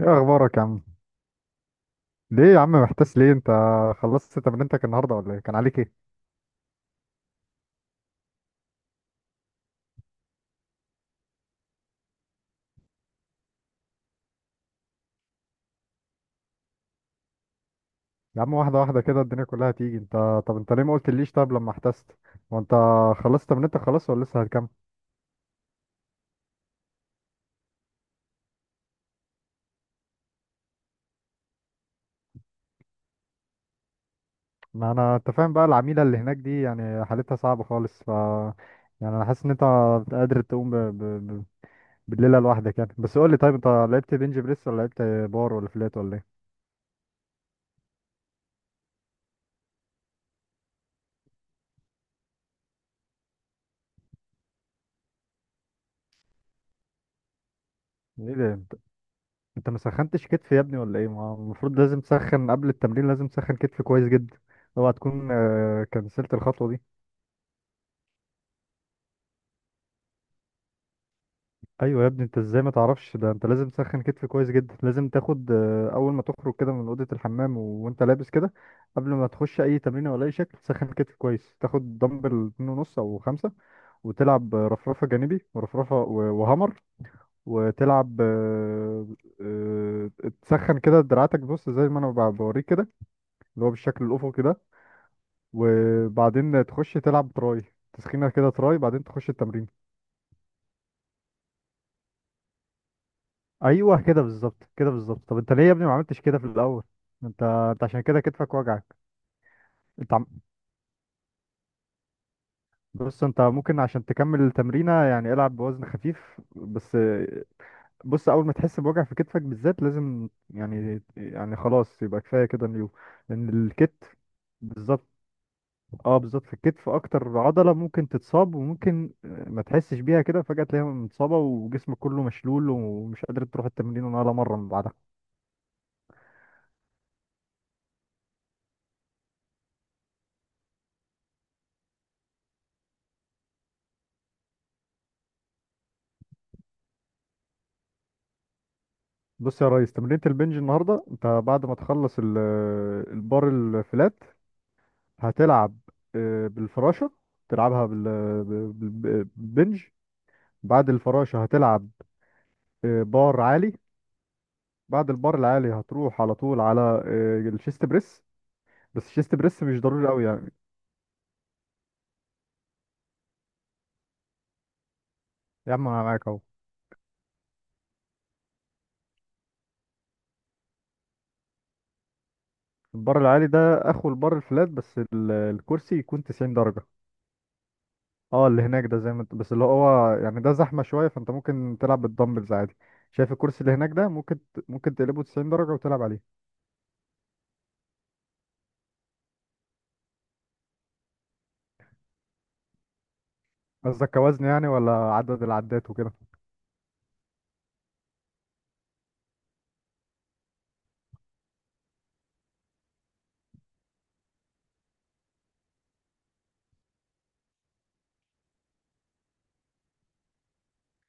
ايه اخبارك يا عم؟ ليه يا عم محتاس ليه انت؟ خلصت تمرينتك النهارده ولا ايه؟ كان عليك ايه؟ يا عم، واحده واحده كده الدنيا كلها هتيجي. انت طب انت ليه ما قلتليش؟ طب لما احتست وانت خلصت تمرينتك خلاص ولا لسه هتكمل؟ ما انا انت فاهم بقى، العميله اللي هناك دي يعني حالتها صعبه خالص، ف يعني انا حاسس ان انت قادر تقوم ب... بالليله لوحدك يعني. بس قول لي، طيب انت لعبت بنج بريس ولا لعبت بار ولا فلات ولا ايه؟ ايه ده! انت ما سخنتش كتف يا ابني ولا ايه؟ ما هو المفروض لازم تسخن قبل التمرين، لازم تسخن كتف كويس جدا. اوعى تكون كنسلت الخطوه دي. ايوه يا ابني، انت ازاي ما تعرفش ده؟ انت لازم تسخن كتف كويس جدا. لازم تاخد اول ما تخرج كده من اوضه الحمام وانت لابس كده قبل ما تخش اي تمرين ولا اي شكل، تسخن كتف كويس. تاخد دمبل 2.5 او 5 وتلعب رفرفه جانبي ورفرفه وهامر. وتلعب آه، تسخن كده دراعاتك. بص زي ما انا بوريك كده، اللي هو بالشكل الافقي ده. وبعدين تخش تلعب تراي، تسخينه كده تراي، بعدين تخش التمرين. ايوه كده بالظبط، كده بالظبط. طب انت ليه يا ابني ما عملتش كده في الاول؟ انت عشان كده كتفك وجعك. انت عم... بص انت ممكن عشان تكمل التمرينه يعني العب بوزن خفيف بس. بص، اول ما تحس بوجع في كتفك بالذات لازم، يعني خلاص يبقى كفايه كده اليوم، لان الكتف، بالظبط. اه بالظبط، في الكتف اكتر عضلة ممكن تتصاب. وممكن ما تحسش بيها كده، فجأة تلاقيها متصابة وجسمك كله مشلول ومش قادر تروح التمرين ولا مرة من بعدها. بص يا ريس، تمرينة البنج النهاردة انت بعد ما تخلص البار الفلات، هتلعب بالفراشة. تلعبها بالبنج. بعد الفراشة هتلعب بار عالي. بعد البار العالي هتروح على طول على الشيست بريس، بس الشيست بريس مش ضروري قوي يعني. يا عم انا معاك اهو. البار العالي ده اخو البار الفلات، بس الكرسي يكون 90 درجة. اه، اللي هناك ده زي ما انت بس، اللي هو يعني ده زحمة شوية، فانت ممكن تلعب بالدمبلز عادي. شايف الكرسي اللي هناك ده؟ ممكن ممكن تقلبه 90 درجة وتلعب عليه. قصدك كوزن يعني ولا عدد العدات وكده؟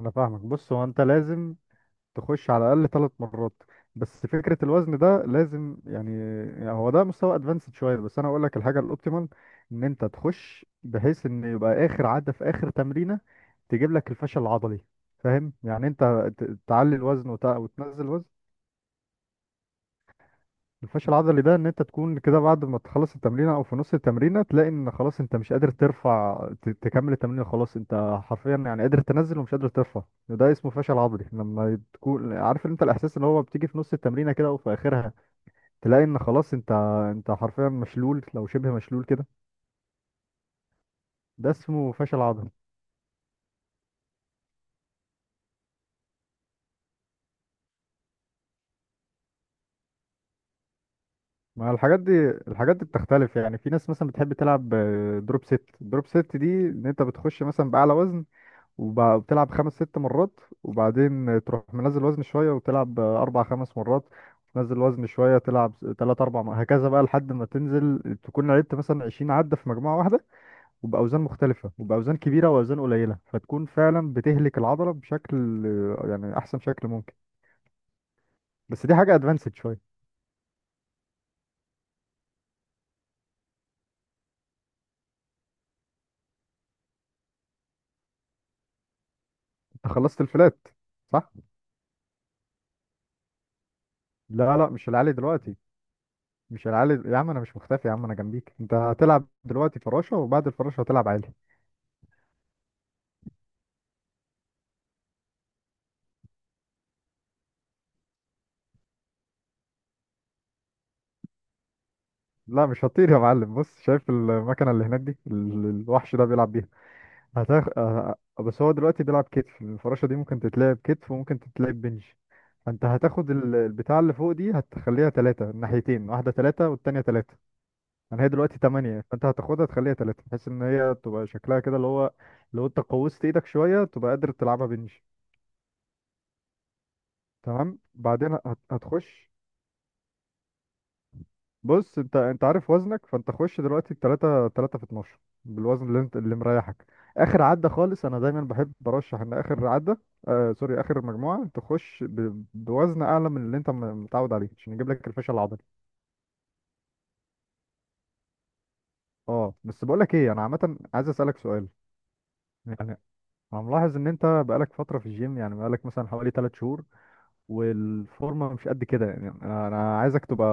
انا فاهمك. بص، هو انت لازم تخش على الاقل 3 مرات. بس فكره الوزن ده لازم، يعني، يعني هو ده مستوى ادفانسد شويه، بس انا اقول لك الحاجه الاوبتيمال: ان انت تخش بحيث ان يبقى اخر عده في اخر تمرينه تجيب لك الفشل العضلي، فاهم يعني انت؟ تعلي الوزن وتنزل الوزن. الفشل العضلي ده ان انت تكون كده بعد ما تخلص التمرينه او في نص التمرينه، تلاقي ان خلاص انت مش قادر ترفع، تكمل التمرين خلاص. انت حرفيا يعني قادر تنزل ومش قادر ترفع. ده اسمه فشل عضلي. لما تكون عارف انت الاحساس اللي هو بتيجي في نص التمرينه كده وفي اخرها، تلاقي ان خلاص انت حرفيا مشلول، لو شبه مشلول كده، ده اسمه فشل عضلي. ما الحاجات دي، الحاجات دي بتختلف. يعني في ناس مثلا بتحب تلعب دروب ست. دروب ست دي ان انت بتخش مثلا باعلى وزن وبتلعب خمس ست مرات، وبعدين تروح منزل وزن شوية وتلعب أربع خمس مرات، تنزل وزن شوية تلعب تلات أربع هكذا بقى، لحد ما تنزل تكون لعبت مثلا 20 عدة في مجموعة واحدة، وبأوزان مختلفة، وبأوزان كبيرة وأوزان قليلة. فتكون فعلا بتهلك العضلة بشكل، يعني أحسن شكل ممكن. بس دي حاجة أدفانسد شوية. أنت خلصت الفلات، صح؟ لا لا، مش العالي دلوقتي. مش العالي يا عم، أنا مش مختفي يا عم، أنا جنبيك. أنت هتلعب دلوقتي فراشة، وبعد الفراشة هتلعب عالي. لا مش هطير يا معلم. بص، شايف المكنه اللي هناك دي، الوحش ده بيلعب بيها. هتاخ... آه، آه، بس هو دلوقتي بيلعب كتف. الفراشه دي ممكن تتلعب كتف وممكن تتلعب بنج. فانت هتاخد البتاع اللي فوق دي هتخليها 3. الناحيتين، واحده 3 والتانيه 3، يعني هي دلوقتي 8، فانت هتاخدها تخليها 3، بحيث ان هي تبقى شكلها كده اللي هو، لو انت قوست ايدك شويه تبقى قادر تلعبها بنج. تمام؟ بعدين هتخش. بص، انت عارف وزنك، فانت خش دلوقتي التلاتة، 3 في 12، بالوزن اللي انت، اللي مريحك. اخر عدة خالص انا دايما بحب برشح ان اخر عدة، آه سوري، اخر مجموعة تخش بوزن اعلى من اللي انت متعود عليه، عشان يجيب لك الفشل العضلي. اه، بس بقول لك ايه، انا عامة عايز اسالك سؤال. يعني انا ملاحظ ان انت بقالك فترة في الجيم، يعني بقالك مثلا حوالي 3 شهور والفورمة مش قد كده. يعني أنا عايزك تبقى،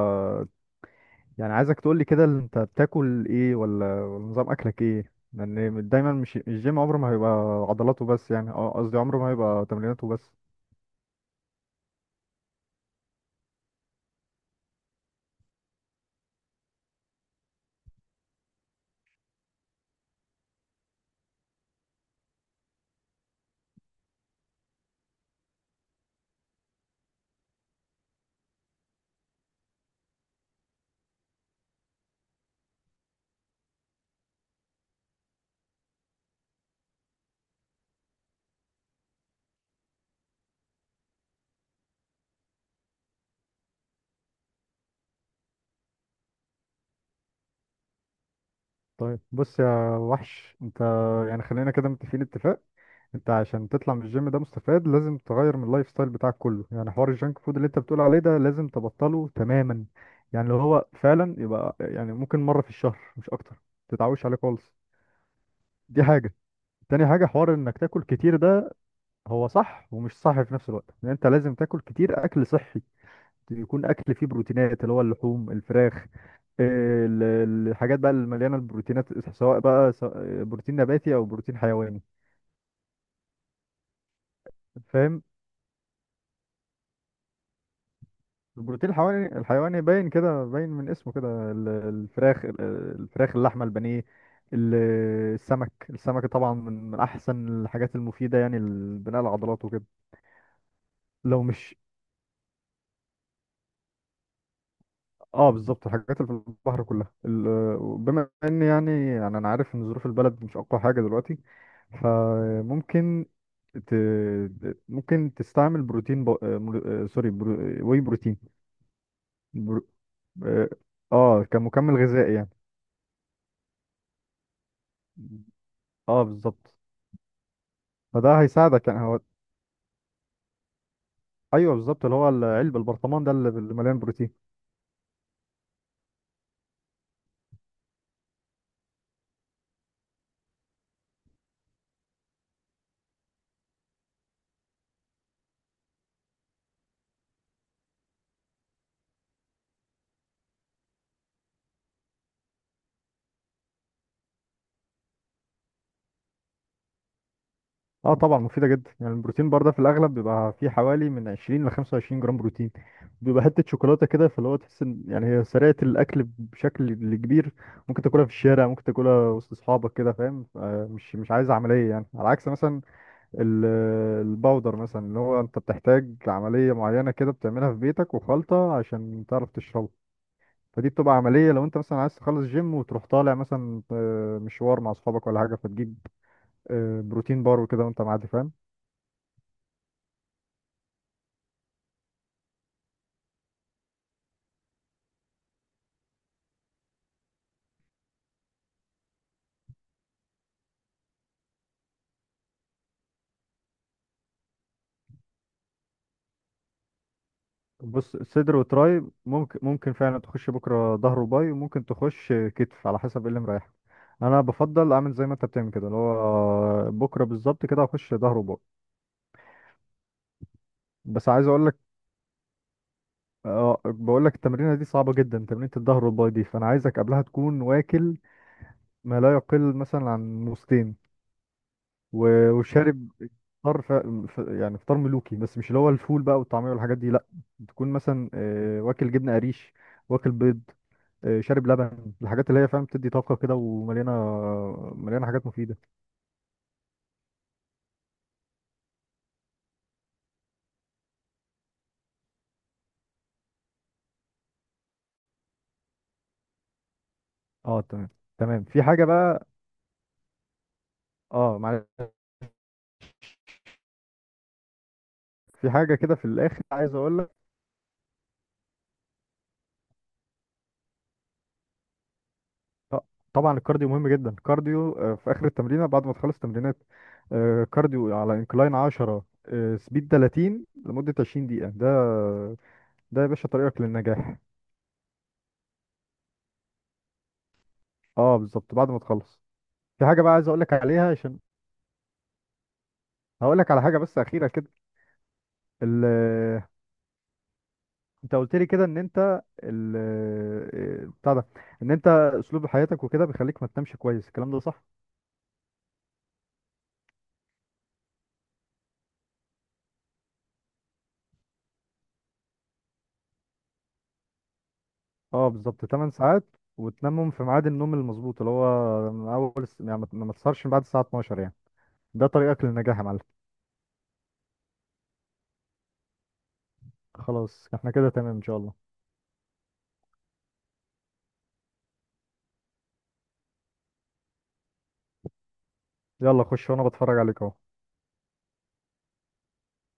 يعني عايزك تقول لي كده اللي انت بتاكل ايه، ولا نظام اكلك ايه، لان دايما مش الجيم عمره ما هيبقى عضلاته بس، يعني اه قصدي عمره ما هيبقى تمريناته بس. طيب بص يا وحش، انت يعني خلينا كده متفقين اتفاق. انت عشان تطلع من الجيم ده مستفاد لازم تغير من اللايف ستايل بتاعك كله. يعني حوار الجانك فود اللي انت بتقول عليه ده لازم تبطله تماما. يعني لو هو فعلا يبقى يعني ممكن مرة في الشهر مش اكتر، تتعوش عليه خالص. دي حاجة. تاني حاجة، حوار انك تاكل كتير ده هو صح ومش صح في نفس الوقت، لان انت لازم تاكل كتير اكل صحي، يكون اكل فيه بروتينات، اللي هو اللحوم، الفراخ، الحاجات بقى المليانه البروتينات، سواء بقى بروتين نباتي او بروتين حيواني، فاهم؟ البروتين الحيواني، الحيواني باين كده، باين من اسمه كده، الفراخ، الفراخ، اللحمه، البانيه، ال- السمك. السمك طبعا من احسن الحاجات المفيده يعني لبناء العضلات وكده. لو مش، اه بالظبط الحاجات اللي في البحر كلها. بما ان يعني، انا عارف ان ظروف البلد مش اقوى حاجه دلوقتي، فممكن ت... ممكن تستعمل بروتين ب... آه، مر- آه، سوري برو... آه، واي بروتين، برو... اه، كمكمل غذائي يعني. اه بالظبط. فده هيساعدك يعني. هو ايوه بالظبط، اللي هو العلب البرطمان ده اللي مليان بروتين. اه طبعا مفيدة جدا يعني. البروتين بار ده في الأغلب بيبقى فيه حوالي من 20 ل 25 جرام بروتين، بيبقى حتة شوكولاتة كده، فاللي هو تحس إن يعني هي سريعة الأكل بشكل كبير. ممكن تاكلها في الشارع، ممكن تاكلها وسط أصحابك كده، فاهم؟ مش عايز عملية، يعني على عكس مثلا ال- الباودر مثلا، اللي هو أنت بتحتاج عملية معينة كده بتعملها في بيتك وخلطة عشان تعرف تشربها. فدي بتبقى عملية. لو أنت مثلا عايز تخلص جيم وتروح طالع مثلا مشوار مع أصحابك ولا حاجة، فتجيب بروتين بار وكده وأنت معدي، فاهم؟ بص، صدر وتراي، ممكن فعلا تخش بكره ظهر وباي، وممكن تخش كتف، على حسب ايه اللي مريحك. انا بفضل اعمل زي ما انت بتعمل كده، اللي هو بكره بالظبط كده هخش ظهر وباي. بس عايز اقول لك، أه بقول لك التمرينه دي صعبه جدا، تمرينه الظهر والباي دي، فانا عايزك قبلها تكون واكل ما لا يقل مثلا عن ساعتين ونص. مم. وشارب فطار. يعني فطار ملوكي، بس مش اللي هو الفول بقى والطعمية والحاجات دي لا. تكون مثلا واكل جبنة قريش، واكل بيض، شارب لبن، الحاجات اللي هي فاهم بتدي طاقة كده، ومليانة، حاجات مفيدة. اه تمام. تمام، في حاجة بقى. اه معلش، في حاجة كده في الآخر عايز أقول لك. آه، طبعا الكارديو مهم جدا، الكارديو في آخر التمرينة بعد ما تخلص تمرينات. كارديو على انكلاين 10، سبيد 30، لمدة 20 دقيقة. ده ده يا باشا طريقك للنجاح. اه بالظبط بعد ما تخلص. في حاجه بقى عايز اقول لك عليها، عشان هقول لك على حاجه بس اخيره كده. ال... انت قلت لي كده ان انت ال... آه، بتاع ده، ان انت اسلوب حياتك وكده بيخليك ما تنامش كويس، الكلام ده صح؟ اه بالظبط، 8 ساعات، وتنامهم في ميعاد النوم المظبوط، اللي هو من اول يعني ما تسهرش من بعد الساعه 12 يعني، ده طريقك للنجاح يا معلم. خلاص احنا كده تمام ان شاء الله. يلا خش وانا بتفرج عليك اهو.